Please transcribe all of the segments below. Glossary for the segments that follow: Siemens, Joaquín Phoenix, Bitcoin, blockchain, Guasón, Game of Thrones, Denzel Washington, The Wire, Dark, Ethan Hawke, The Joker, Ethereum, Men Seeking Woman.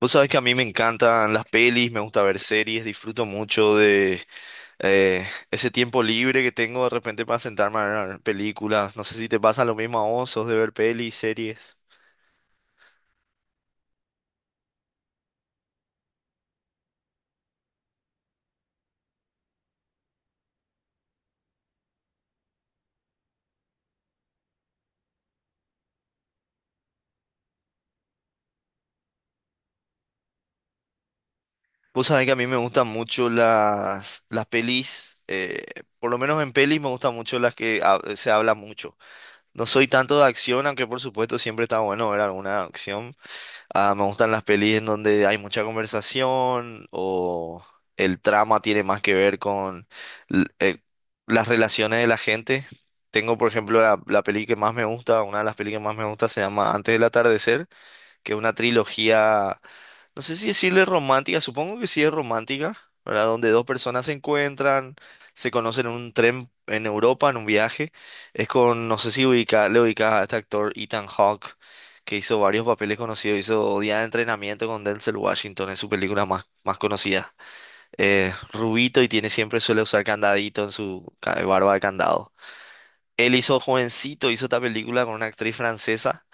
Vos sabés que a mí me encantan las pelis, me gusta ver series, disfruto mucho de eh, ese tiempo libre que tengo de repente para sentarme a ver películas. No sé si te pasa lo mismo a vos, ¿sos de ver pelis, series? Vos sabés que a mí me gustan mucho las pelis, por lo menos en pelis me gustan mucho las que se habla mucho. No soy tanto de acción, aunque por supuesto siempre está bueno ver alguna acción. Ah, me gustan las pelis en donde hay mucha conversación o el trama tiene más que ver con l- eh, las relaciones de la gente. Tengo, por ejemplo, la peli que más me gusta, una de las pelis que más me gusta se llama Antes del atardecer, que es una trilogía, no sé si decirle romántica, supongo que sí es romántica, ¿verdad? Donde dos personas se encuentran, se conocen en un tren en Europa, en un viaje. Es con, no sé si ubica, le ubicas a este actor Ethan Hawke, que hizo varios papeles conocidos, hizo Día de Entrenamiento con Denzel Washington, es su película más, más conocida. Rubito y tiene, siempre suele usar candadito en su barba de candado. Él hizo jovencito, hizo esta película con una actriz francesa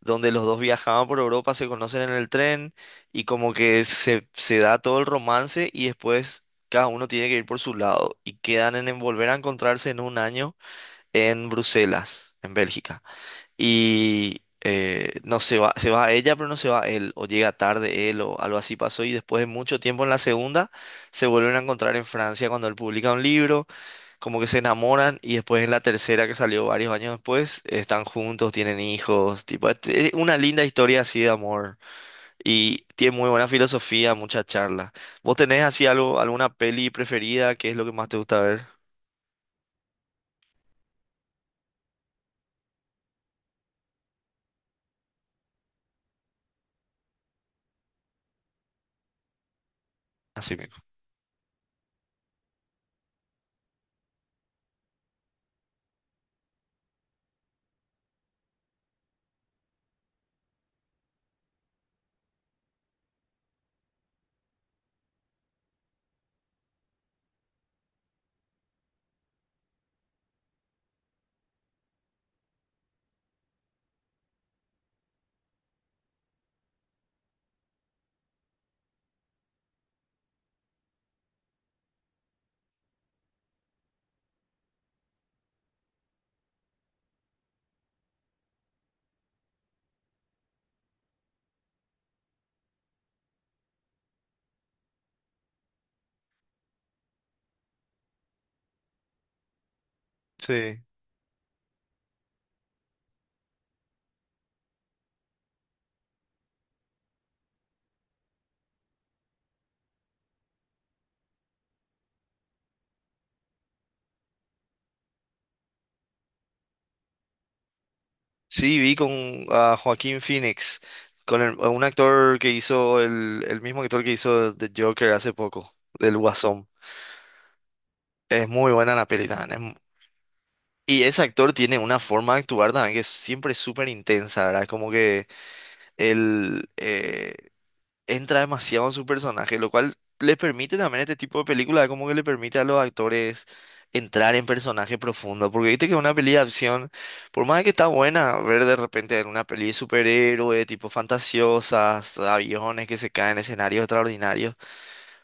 donde los dos viajaban por Europa, se conocen en el tren y como que se da todo el romance y después cada uno tiene que ir por su lado y quedan en volver a encontrarse en un año en Bruselas, en Bélgica. Y no se va, se va ella, pero no se va él, o llega tarde él, o algo así pasó y después de mucho tiempo en la segunda se vuelven a encontrar en Francia cuando él publica un libro, como que se enamoran. Y después en la tercera, que salió varios años después, están juntos, tienen hijos, tipo, es una linda historia así de amor y tiene muy buena filosofía, mucha charla. ¿Vos tenés así algo, alguna peli preferida? ¿Qué es lo que más te gusta ver? Así mismo. Sí. Sí, vi con a Joaquín Phoenix, con un actor que hizo el mismo actor que hizo The Joker hace poco, del Guasón. Es muy buena la peli, también. Y ese actor tiene una forma de actuar también que es siempre súper intensa, ¿verdad? Como que él entra demasiado en su personaje, lo cual le permite también este tipo de película, como que le permite a los actores entrar en personaje profundo. Porque viste que una peli de acción, por más de que está buena, ver de repente una peli de superhéroe, tipo fantasiosas, aviones que se caen, escenarios extraordinarios.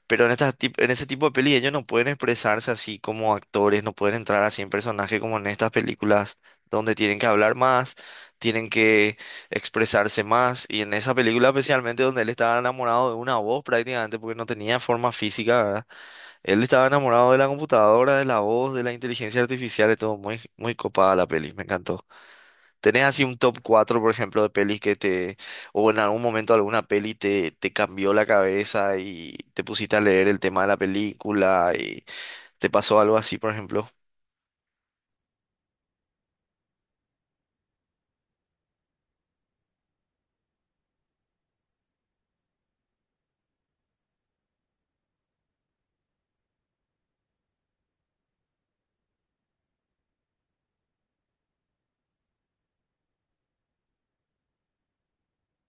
Pero en, estas en ese tipo de pelis ellos no pueden expresarse así como actores, no pueden entrar así en personaje como en estas películas donde tienen que hablar más, tienen que expresarse más. Y en esa película especialmente donde él estaba enamorado de una voz prácticamente porque no tenía forma física, ¿verdad? Él estaba enamorado de la computadora, de la voz, de la inteligencia artificial, y todo muy, muy copada la peli, me encantó. ¿Tenés así un top 4, por ejemplo, de pelis que te, o en algún momento alguna peli te, te cambió la cabeza y te pusiste a leer el tema de la película y te pasó algo así, por ejemplo?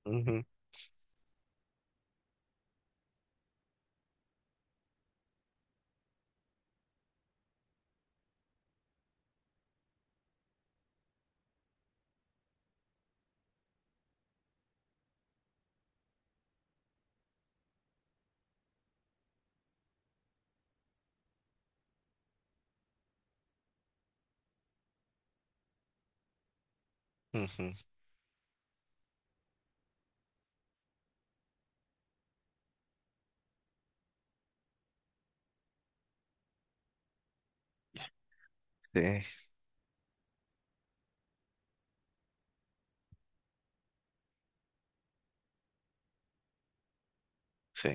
Ujú, ujú. Sí, sí.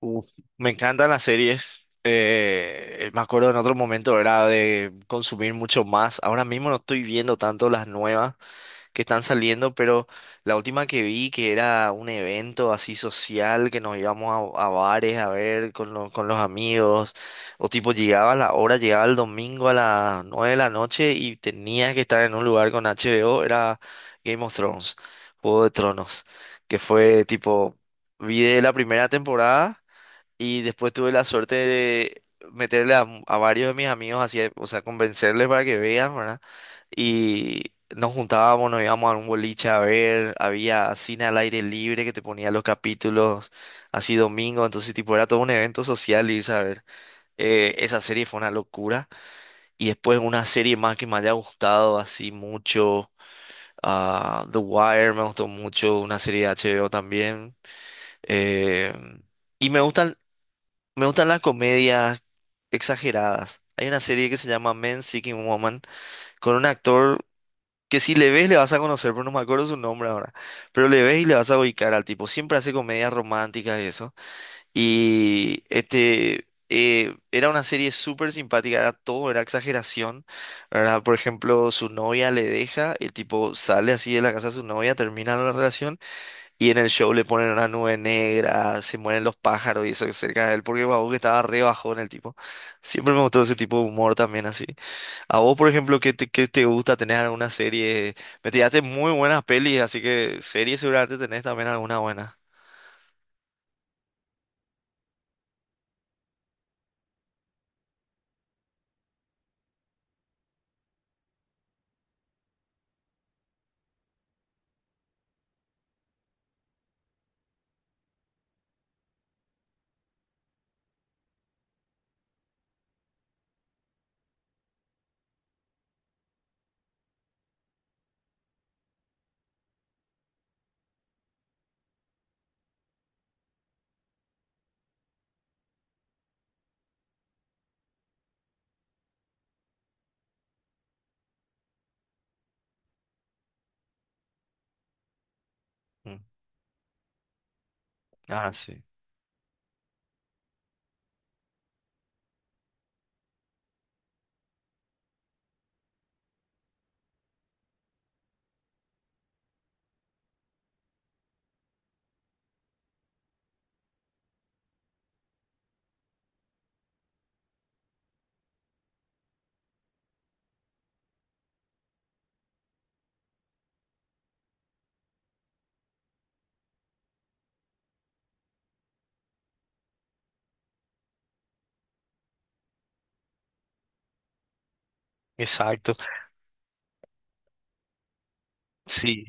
Uf, me encantan las series. Me acuerdo en otro momento era de consumir mucho más. Ahora mismo no estoy viendo tanto las nuevas que están saliendo, pero la última que vi, que era un evento así social que nos íbamos a bares a ver con, con los amigos, o tipo llegaba la hora, llegaba el domingo a las 9 de la noche y tenías que estar en un lugar con HBO, era Game of Thrones, Juego de Tronos, que fue tipo, vi de la primera temporada. Y después tuve la suerte de meterle a varios de mis amigos, así, o sea, convencerles para que vean, ¿verdad? Y nos juntábamos, nos íbamos a un boliche a ver, había cine al aire libre que te ponía los capítulos así domingo, entonces tipo era todo un evento social y saber, esa serie fue una locura. Y después una serie más que me haya gustado así mucho, ah, The Wire me gustó mucho, una serie de HBO también. eh, y me gustan las comedias exageradas. Hay una serie que se llama Men Seeking Woman con un actor que si le ves le vas a conocer, pero no me acuerdo su nombre ahora. Pero le ves y le vas a ubicar al tipo. Siempre hace comedias románticas y eso. Y este era una serie súper simpática, era todo, era exageración, ¿verdad? Por ejemplo, su novia le deja, el tipo sale así de la casa de su novia, termina la relación y en el show le ponen una nube negra, se mueren los pájaros y eso cerca de él, porque Babu que estaba re bajón el tipo. Siempre me gustó ese tipo de humor también así. A vos, por ejemplo, ¿qué te gusta tener alguna serie? Me tiraste muy buenas pelis, así que series seguramente tenés también alguna buena. Mm. Ah, sí. Exacto. Sí.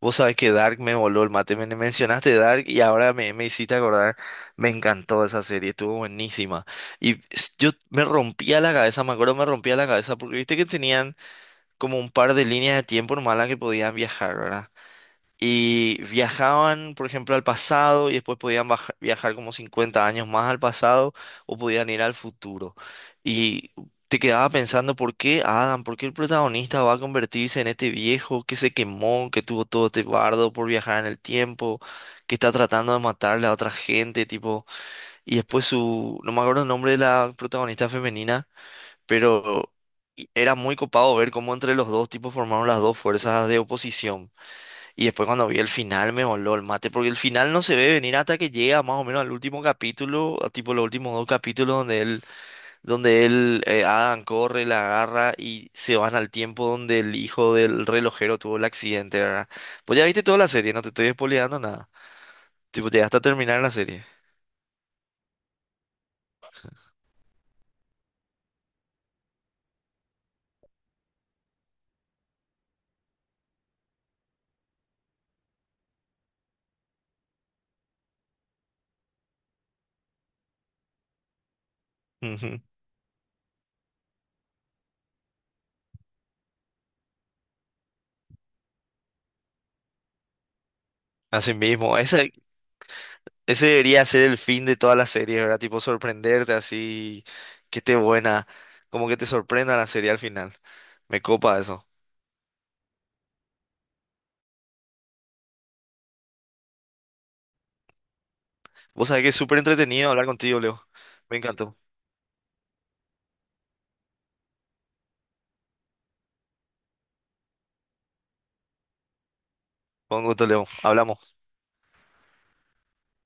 Vos sabés que Dark me voló el mate. Me mencionaste Dark y ahora me, me hiciste acordar. Me encantó esa serie, estuvo buenísima. Y yo me rompía la cabeza, me acuerdo, me rompía la cabeza porque viste que tenían como un par de líneas de tiempo nomás las que podían viajar, ¿verdad? Y viajaban, por ejemplo, al pasado y después podían viajar como 50 años más al pasado o podían ir al futuro. Y te quedaba pensando, ¿por qué Adam? ¿Por qué el protagonista va a convertirse en este viejo que se quemó, que tuvo todo este bardo por viajar en el tiempo, que está tratando de matarle a otra gente, tipo... Y después su... No me acuerdo el nombre de la protagonista femenina, pero era muy copado ver cómo entre los dos tipos formaron las dos fuerzas de oposición. Y después cuando vi el final me voló el mate, porque el final no se ve venir hasta que llega más o menos al último capítulo, a tipo los últimos dos capítulos donde él, donde él, Adam corre, la agarra y se van al tiempo donde el hijo del relojero tuvo el accidente, ¿verdad? Pues ya viste toda la serie, no te estoy spoileando nada. Tipo, llegaste hasta terminar la serie. Ujú. Así mismo, esa. Ese debería ser el fin de todas las series, ¿verdad? Tipo sorprenderte así, que esté buena, como que te sorprenda la serie al final. Me copa eso. Vos sabés que es súper entretenido hablar contigo, Leo. Me encantó. Con gusto, Leo. Hablamos.